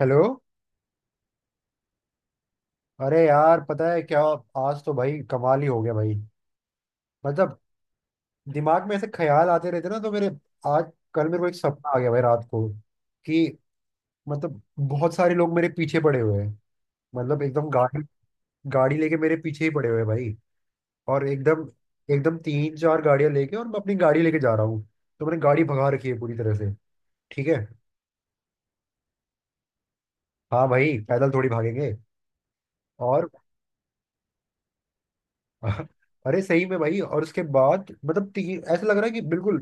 Hello. अरे यार, पता है क्या? आज तो भाई कमाल ही हो गया भाई। मतलब दिमाग में ऐसे ख्याल आते रहते ना तो मेरे। आज कल मेरे को एक सपना आ गया भाई रात को कि मतलब बहुत सारे लोग मेरे पीछे पड़े हुए हैं। मतलब एकदम गाड़ी गाड़ी लेके मेरे पीछे ही पड़े हुए हैं भाई। और एकदम एकदम तीन चार गाड़ियां लेके, और मैं अपनी गाड़ी लेके जा रहा हूँ। तो मैंने गाड़ी भगा रखी है पूरी तरह से। ठीक है। हाँ भाई, पैदल थोड़ी भागेंगे। और अरे सही में भाई। और उसके बाद मतलब ऐसा लग रहा है कि बिल्कुल।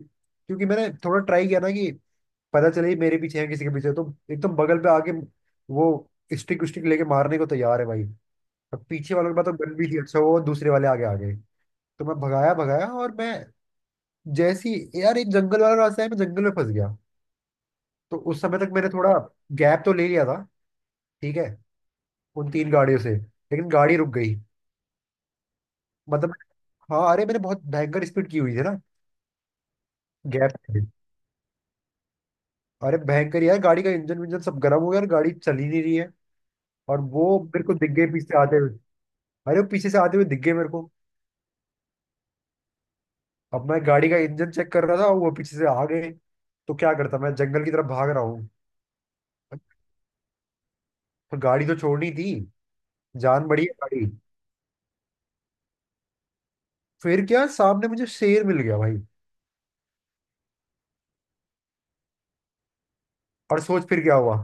क्योंकि मैंने थोड़ा ट्राई किया ना कि पता चले ये मेरे पीछे है किसी के पीछे, तो एकदम बगल पे आके वो स्टिक स्टिक लेके मारने को तैयार है भाई। अब पीछे वालों के पास तो गन भी थी। अच्छा, वो दूसरे वाले आगे आ गए। तो मैं भगाया भगाया। और मैं जैसी यार, एक जंगल वाला रास्ता है, मैं जंगल में फंस गया। तो उस समय तक मैंने थोड़ा गैप तो ले लिया था। ठीक है, उन तीन गाड़ियों से। लेकिन गाड़ी रुक गई। मतलब, हाँ, अरे मैंने बहुत भयंकर स्पीड की हुई थी ना। गैप। अरे भयंकर यार, गाड़ी का इंजन विंजन सब गर्म हो गया और गाड़ी चल ही नहीं रही है। और वो मेरे को दिख गए पीछे से आते हुए। अरे वो पीछे से आते हुए दिख गए मेरे को। अब मैं गाड़ी का इंजन चेक कर रहा था, वो पीछे से आ गए। तो क्या करता, मैं जंगल की तरफ भाग रहा हूँ। पर गाड़ी तो छोड़नी थी, जान बड़ी है गाड़ी। फिर क्या, सामने मुझे शेर मिल गया भाई। और सोच फिर क्या हुआ।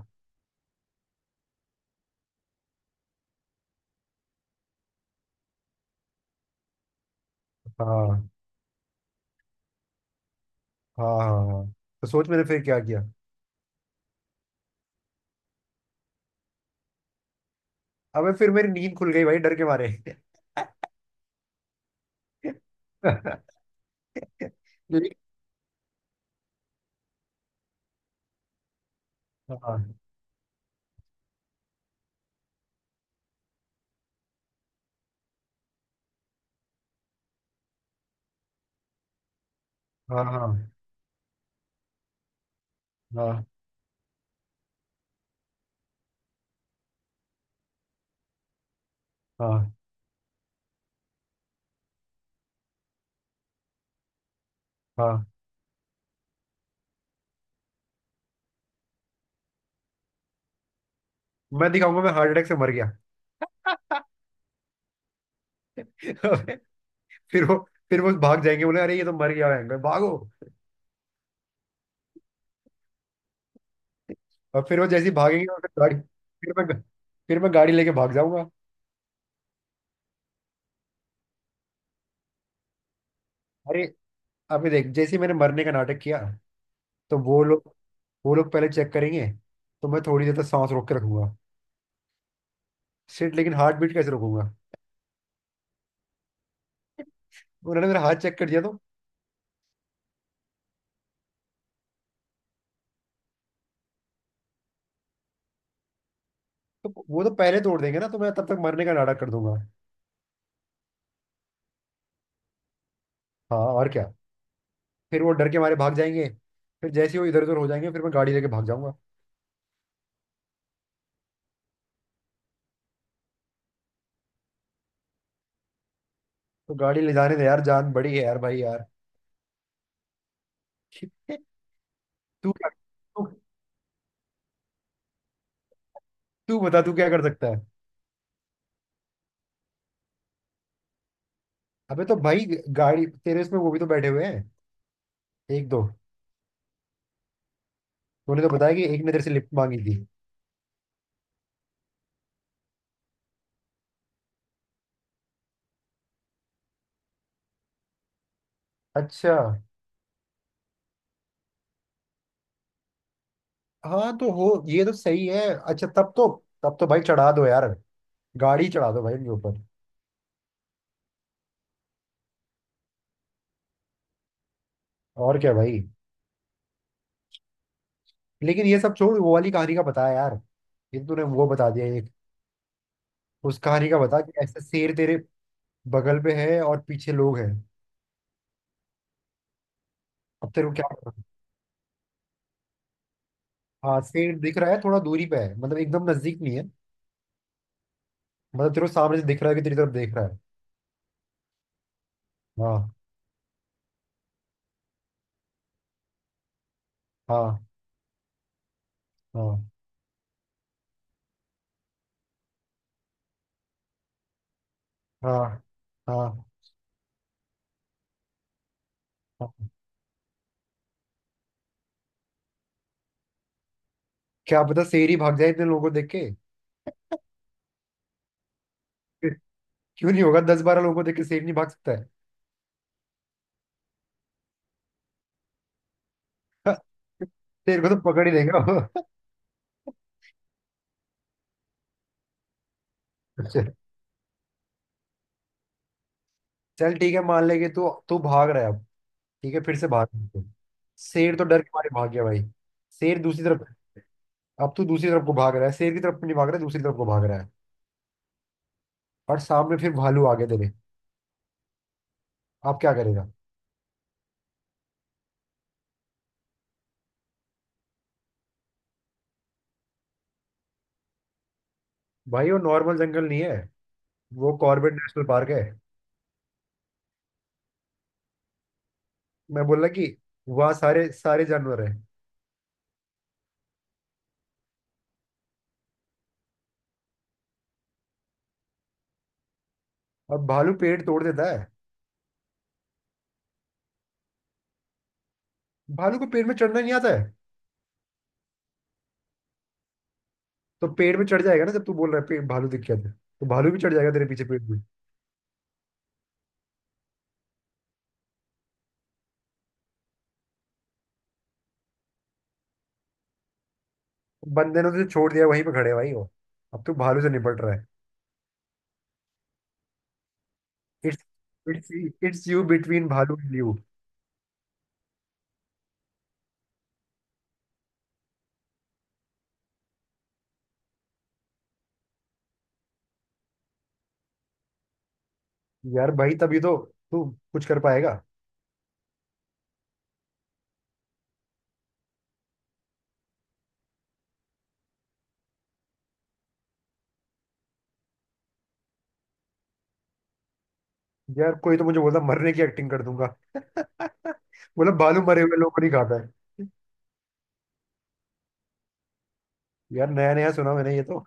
हाँ हाँ हाँ हाँ। तो सोच मैंने फिर क्या किया। अबे फिर मेरी नींद खुल गई भाई डर के मारे। लेकिन- हाँ हाँ हाँ हाँ हाँ हाँ। मैं दिखाऊंगा मैं हार्ट अटैक से मर गया। फिर वो फिर वो भाग जाएंगे, बोले अरे ये तो मर गया है, भागो। और फिर वो जैसे ही भागेंगे और फिर गाड़ी, फिर मैं फिर मैं गाड़ी लेके भाग जाऊंगा। अरे अभी देख, जैसे ही मैंने मरने का नाटक किया तो वो लोग पहले चेक करेंगे। तो मैं थोड़ी देर तक सांस रोक के रखूंगा। सिर्फ लेकिन हार्ट बीट कैसे रोकूंगा? उन्होंने मेरा हाथ चेक कर दिया तो। तो वो तो पहले तोड़ देंगे ना, तो मैं तब तक मरने का नाटक कर दूंगा। हाँ और क्या। फिर वो डर के मारे भाग जाएंगे। फिर जैसे ही वो इधर उधर हो जाएंगे, फिर मैं गाड़ी लेके भाग जाऊंगा। तो गाड़ी ले जाने दे यार, जान बड़ी है यार भाई यार। तू क्या, तू तू बता, तू क्या कर सकता है। अबे तो भाई, गाड़ी तेरे इसमें वो भी तो बैठे हुए हैं। एक दो। तूने तो बताया कि एक ने तेरे से लिफ्ट मांगी थी। अच्छा। हाँ तो, हो, ये तो सही है। अच्छा तब तो, भाई चढ़ा दो यार, गाड़ी चढ़ा दो भाई उनके ऊपर। और क्या भाई। लेकिन ये सब छोड़, वो वाली कहानी का बता यार। ये तूने वो बता दिया एक। उस कहानी का बता कि ऐसे शेर तेरे बगल में है और पीछे लोग हैं। अब तेरे को क्या करना? हाँ, शेर दिख रहा है, थोड़ा दूरी पे है, मतलब एकदम नजदीक नहीं है। मतलब तेरे को सामने से दिख रहा है कि तेरी तरफ देख रहा है। हाँ हाँ हाँ हाँ हाँ हाँ। क्या पता शेर ही भाग जाए इतने लोगों को देख के। क्यों नहीं होगा, दस बारह लोगों को देख के शेर नहीं भाग सकता है? शेर को तो पकड़ ही देगा वो। अच्छा। चल ठीक है, मान ले कि तू तू भाग रहा है अब। ठीक है, फिर से भाग तू। शेर तो डर के मारे भाग गया भाई। शेर दूसरी तरफ। अब तू दूसरी तरफ को भाग रहा है, शेर की तरफ नहीं भाग रहा है, दूसरी तरफ को भाग रहा है। और सामने फिर भालू आ गए तेरे। अब क्या करेगा? भाई वो नॉर्मल जंगल नहीं है, वो कॉर्बेट नेशनल पार्क है। मैं बोल रहा कि वहाँ सारे सारे जानवर है। और भालू पेड़ तोड़ देता है। भालू को पेड़ में चढ़ना नहीं आता है। तो पेड़ में चढ़ जाएगा ना, जब तू बोल रहा है पेड़, भालू दिख गया तुझे, तो भालू भी चढ़ जाएगा तेरे पीछे पेड़ में। बंदे ने तुझे छोड़ दिया, वहीं पे खड़े हैं भाई, हो, अब तू भालू से निपट रहा है। It's it's it's you between भालू एंड यू। यार भाई, तभी तो तू कुछ कर पाएगा। यार कोई तो मुझे बोलता, मरने की एक्टिंग कर दूंगा। बोला भालू मरे हुए लोग को नहीं खाता है। यार नया नया सुना मैंने ये तो।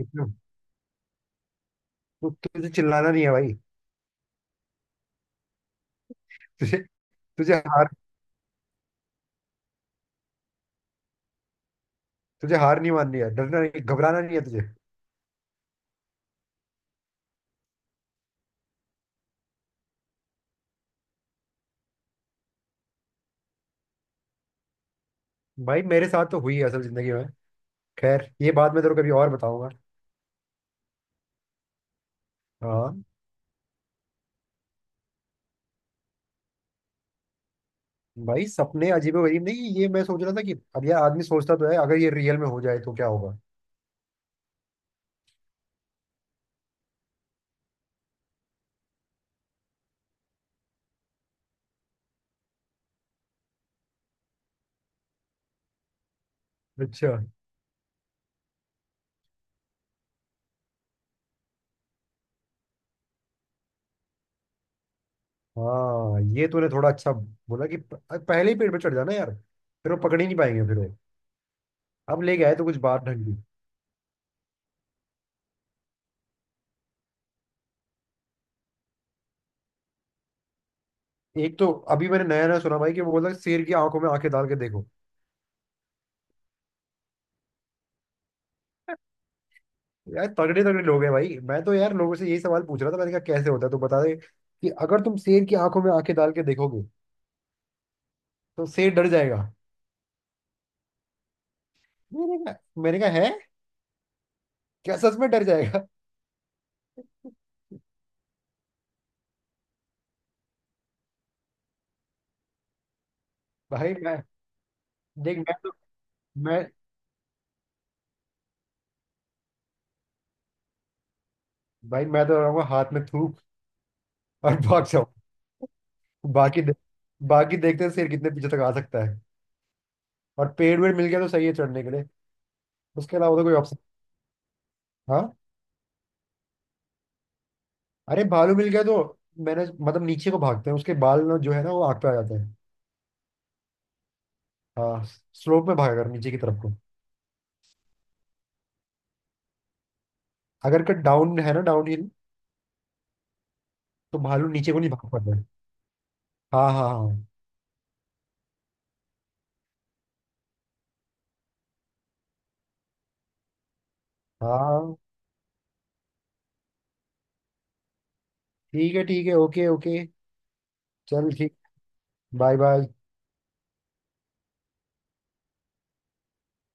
इतना- तुझे चिल्लाना नहीं है भाई। तुझे तुझे हार तुझे हार नहीं माननी है, डरना नहीं, घबराना नहीं है तुझे। भाई मेरे साथ तो हुई है असल जिंदगी में। खैर ये बात मैं तेरे को कभी और बताऊंगा। हाँ, भाई सपने अजीबो गरीब नहीं है, ये मैं सोच रहा था कि अब यार आदमी सोचता तो है, अगर ये रियल में हो जाए तो क्या होगा। अच्छा। हाँ, ये तूने थोड़ा अच्छा बोला कि पहले ही पेड़ पे चढ़ जाना यार, फिर वो पकड़ ही नहीं पाएंगे। फिर वो अब लेके आए तो कुछ बात ढंगी। एक तो अभी मैंने नया नया सुना भाई कि वो बोला शेर की आंखों में आंखें डाल के देखो। यार तगड़े तगड़े लोग हैं भाई, मैं तो यार लोगों से यही सवाल पूछ रहा था, मैंने कहा कैसे होता है तो बता दे कि अगर तुम शेर की आंखों में आंखें डाल के देखोगे तो शेर डर जाएगा? मैंने कहा, मैंने कहा है क्या सच में डर जाएगा? भाई मैं देख मैं तो मैं भाई मैं तो रहूंगा हाथ में थूक, और भाग जाऊं। बाकी दे, बाकी देखते हैं शेर कितने पीछे तक आ सकता है। और पेड़ वेड़ मिल गया तो सही है चढ़ने के लिए। उसके अलावा तो कोई ऑप्शन। हाँ। अरे भालू मिल गया तो, मैंने मतलब नीचे को भागते हैं उसके बाल ना जो है ना वो आग पे आ जाते हैं। हाँ। स्लोप में भागा कर नीचे की तरफ को। अगर कट डाउन है ना, डाउन हिल, तो भालू नीचे को नहीं भाग पाते। हाँ हाँ हाँ हाँ। ठीक है ठीक है। Okay okay. चल ठीक। Bye bye.